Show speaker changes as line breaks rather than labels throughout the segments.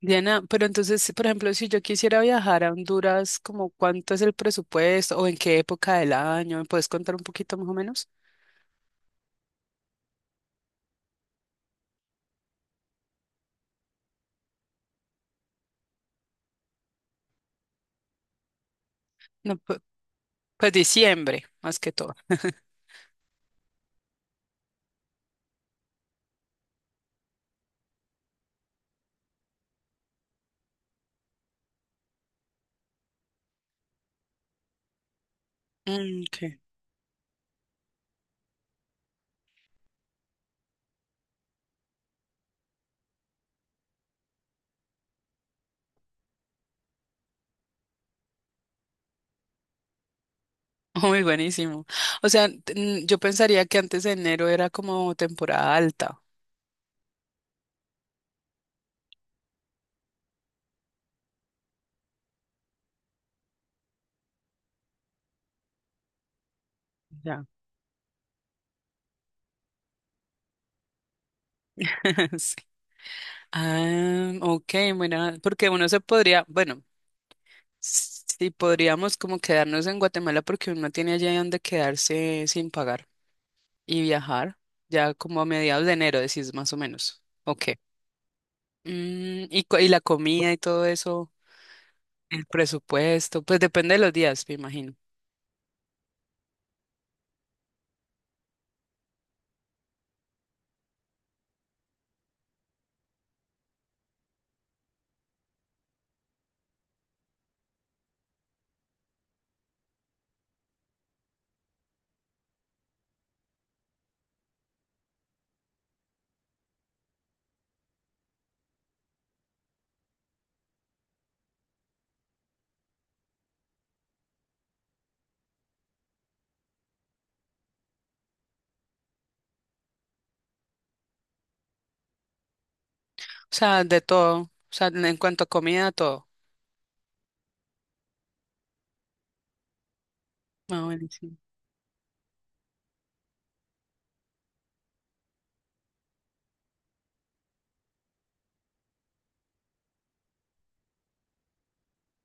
Diana, pero entonces, por ejemplo, si yo quisiera viajar a Honduras, ¿como cuánto es el presupuesto o en qué época del año? ¿Me puedes contar un poquito más o menos? No, pues, diciembre, más que todo. Mm, ok. Muy buenísimo. O sea, yo pensaría que antes de enero era como temporada alta. Ya. Sí. Ah, ok, bueno, porque uno se podría, bueno, sí podríamos como quedarnos en Guatemala porque uno tiene allá donde quedarse sin pagar y viajar ya como a mediados de enero, decís más o menos. Ok. Y la comida y todo eso, el presupuesto, pues depende de los días, me imagino. O sea, de todo, o sea, en cuanto a comida, todo. Ah, bueno,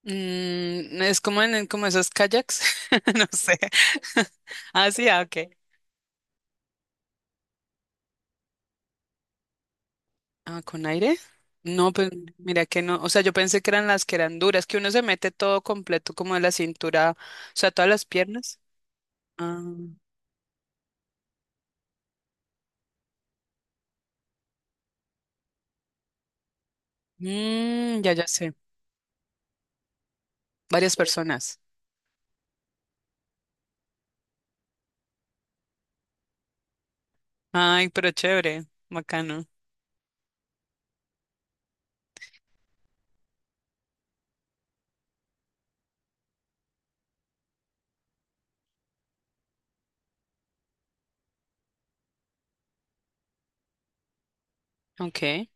Es como esos kayaks, no sé. Ah, sí, ah, ok. Ah, ¿con aire? No, pues mira que no, o sea, yo pensé que eran las que eran duras, que uno se mete todo completo como de la cintura, o sea, todas las piernas. Ah, ya, ya sé, varias personas. Ay, pero chévere, bacano. Ok,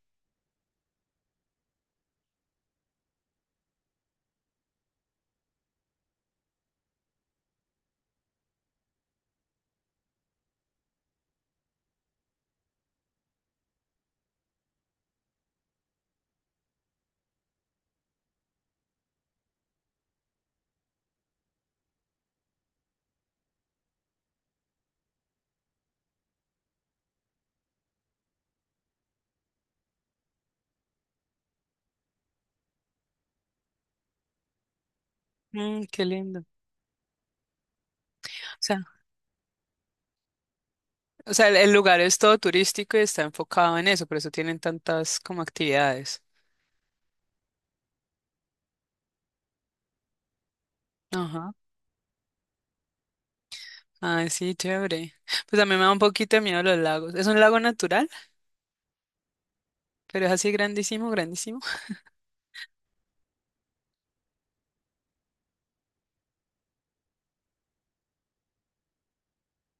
qué lindo. Sea, o sea, el lugar es todo turístico y está enfocado en eso, por eso tienen tantas como actividades. Ay, sí, chévere. Pues a mí me da un poquito de miedo los lagos. Es un lago natural, pero es así grandísimo, grandísimo.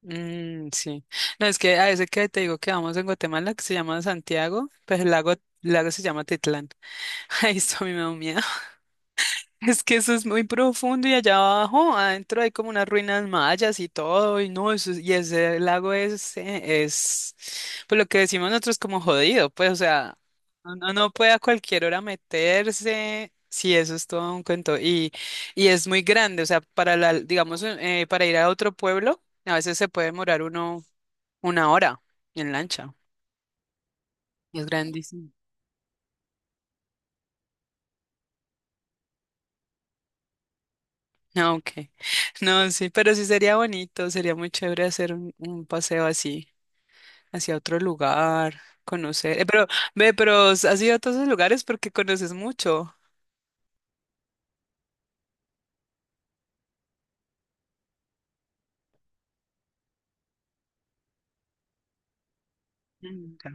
Mm, sí. No, es que a ese que te digo que vamos en Guatemala, que se llama Santiago, pues el lago se llama Titlán. Ahí esto a mí me da un miedo. Es que eso es muy profundo y allá abajo, adentro hay como unas ruinas mayas y todo, y no, eso, y ese lago es, pues lo que decimos nosotros como jodido, pues, o sea, uno no puede a cualquier hora meterse, sí, eso es todo un cuento, y, es muy grande, o sea, digamos, para ir a otro pueblo, a veces se puede demorar uno una hora en lancha, y es grandísimo. Ah, ok. No, sí, pero sí sería bonito, sería muy chévere hacer un paseo así, hacia otro lugar, conocer. Pero, ve, pero has ido a todos esos lugares porque conoces mucho. Nunca.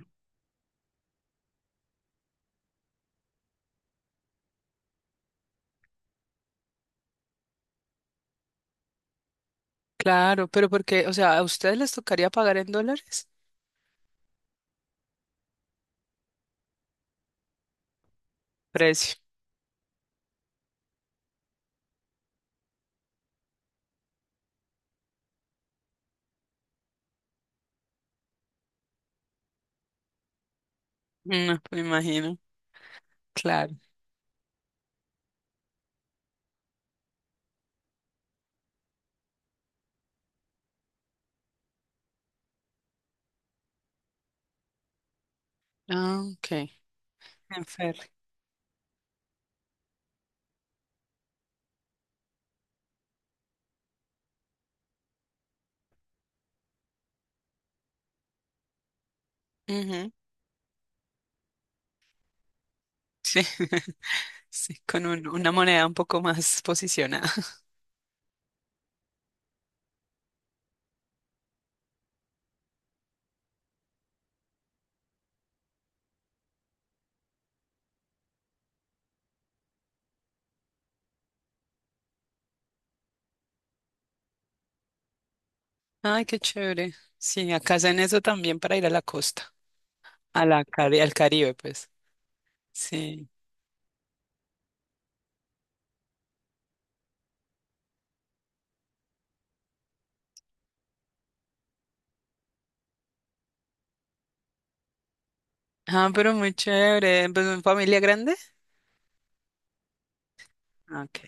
Claro, pero porque, o sea, ¿a ustedes les tocaría pagar en dólares? Precio. No, me imagino. Claro. Ah, ok. En ferry. Ujú. Sí, con una moneda un poco más posicionada. Ay, qué chévere. Sí, acá hacen eso también para ir a la costa, al Caribe, pues. Sí. Ah, pero muy chévere. ¿Pues en familia grande? Ok.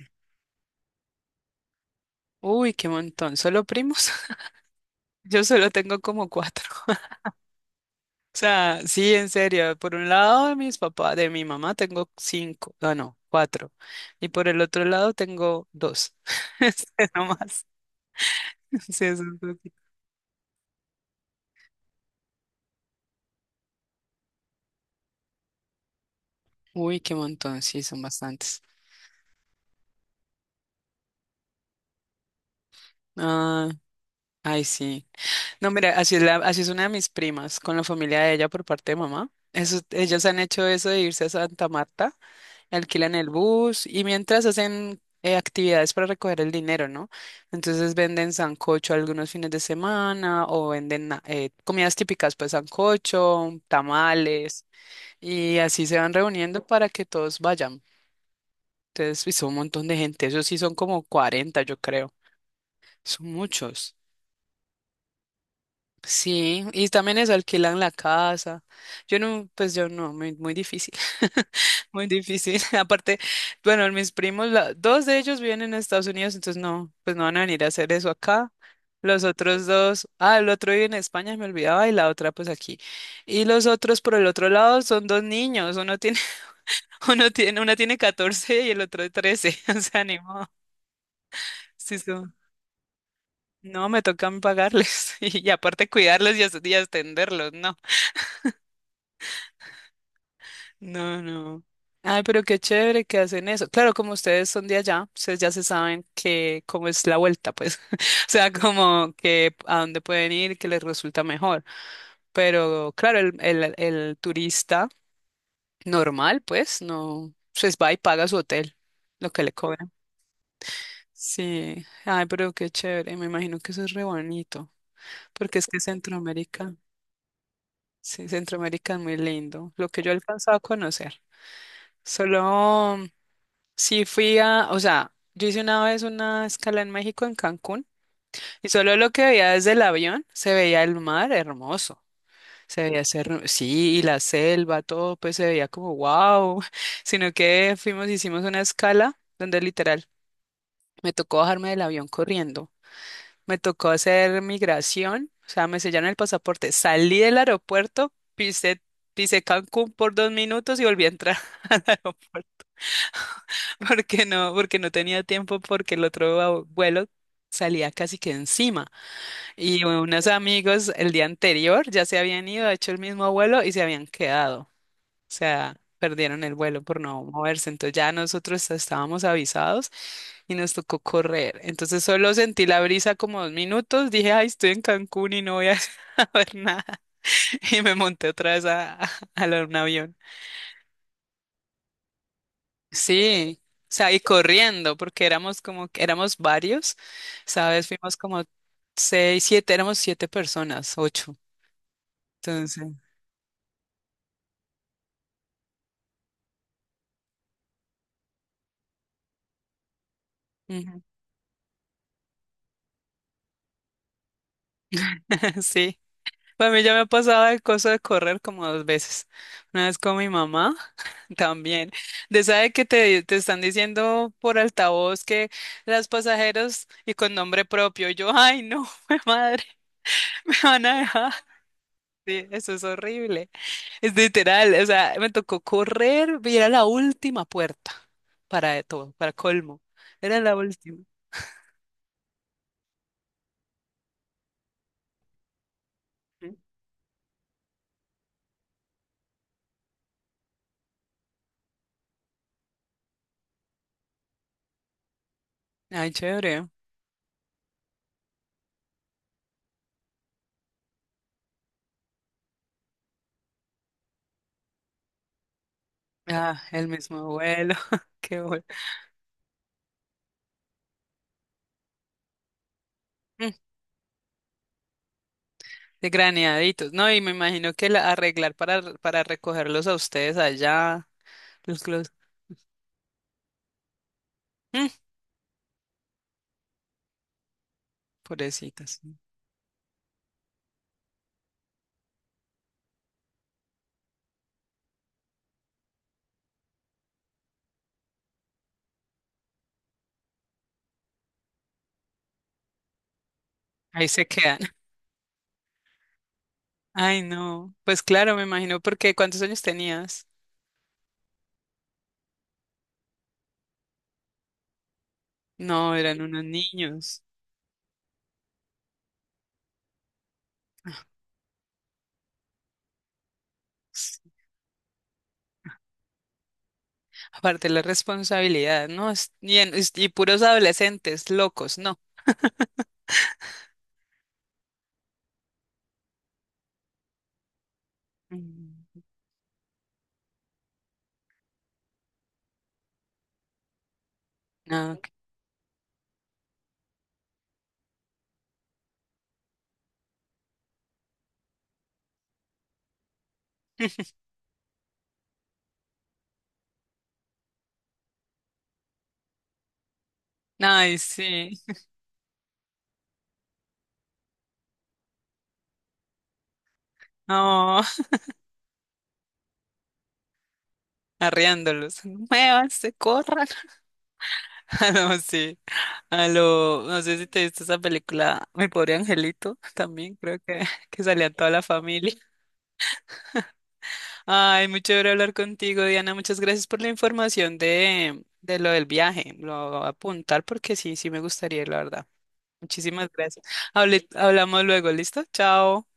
Uy, qué montón. ¿Solo primos? Yo solo tengo como cuatro. O sea, sí, en serio. Por un lado de mis papás, de mi mamá tengo cinco. No, no, cuatro. Y por el otro lado tengo dos. Es que no más. Sí, es un poquito. Uy, qué montón. Sí, son bastantes. Ah, ay, sí. No, mira, así es una de mis primas, con la familia de ella por parte de mamá. Eso, ellos han hecho eso de irse a Santa Marta, alquilan el bus y mientras hacen actividades para recoger el dinero, ¿no? Entonces venden sancocho algunos fines de semana o venden comidas típicas, pues sancocho, tamales y así se van reuniendo para que todos vayan. Entonces, y son un montón de gente. Esos sí son como 40, yo creo. Son muchos. Sí, y también es alquilan la casa. Yo no, pues yo no, muy, muy difícil, muy difícil. Aparte, bueno, mis primos, dos de ellos viven en Estados Unidos, entonces no, pues no van a venir a hacer eso acá. Los otros dos, ah, el otro vive en España, me olvidaba, y la otra pues aquí. Y los otros por el otro lado son dos niños, una tiene 14 y el otro 13. O sea, ni modo. Sí, no, me tocan pagarles y, aparte cuidarlos y y atenderlos, no. No, no. Ay, pero qué chévere que hacen eso. Claro, como ustedes son de allá, ustedes ya se saben que cómo es la vuelta, pues. O sea, como que a dónde pueden ir, que les resulta mejor. Pero claro, el turista normal, pues, no, pues va y paga su hotel, lo que le cobran. Sí. Ay, pero qué chévere. Me imagino que eso es re bonito, porque es que Centroamérica, sí, Centroamérica es muy lindo. Lo que yo he alcanzado a conocer. Solo Sí, fui a, o sea, yo hice una vez una escala en México, en Cancún, y solo lo que veía desde el avión se veía el mar hermoso. Se veía ser, sí, y la selva, todo, pues se veía como wow. Sino que hicimos una escala donde literal me tocó bajarme del avión corriendo. Me tocó hacer migración, o sea, me sellaron el pasaporte. Salí del aeropuerto, pisé Cancún por dos minutos y volví a entrar al aeropuerto. Porque no tenía tiempo, porque el otro vuelo salía casi que encima. Y unos amigos el día anterior ya se habían ido, hecho el mismo vuelo y se habían quedado. O sea, perdieron el vuelo por no moverse. Entonces ya nosotros estábamos avisados y nos tocó correr. Entonces solo sentí la brisa como dos minutos. Dije, ay, estoy en Cancún y no voy a saber nada. Y me monté otra vez un avión. Sí, o sea, y corriendo, porque éramos como, éramos varios, ¿sabes? Fuimos como seis, siete, éramos siete personas, ocho. Entonces, ujú, sí. Para mí ya me ha pasado el coso de correr como dos veces. Una vez con mi mamá también. De sabe que te están diciendo por altavoz que las pasajeros y con nombre propio. Yo, ay, no, madre, me van a dejar. Sí, eso es horrible. Es literal, o sea, me tocó correr y era la última puerta para todo, para colmo. Era la última. Ujú. Ay, chévere. Ah, el mismo vuelo. Qué bueno. Mm, De graneaditos. No, y me imagino que arreglar para recogerlos a ustedes allá. Los, los, mm, Pobrecitas. Ahí se quedan. Ay, no. Pues claro, me imagino porque ¿cuántos años tenías? No, eran unos niños. Aparte la responsabilidad, ¿no? Y, y puros adolescentes locos, ¿no? Mm. No, ok. Ay, sí. No, arriándolos. Muévanse, corran. Ah, no, sí. No sé si te viste esa película, Mi pobre angelito, también creo que, salía toda la familia. Ay, muy chévere hablar contigo, Diana. Muchas gracias por la información de lo del viaje. Lo voy a apuntar porque sí, sí me gustaría, la verdad. Muchísimas gracias. Hablamos luego, ¿listo? Chao.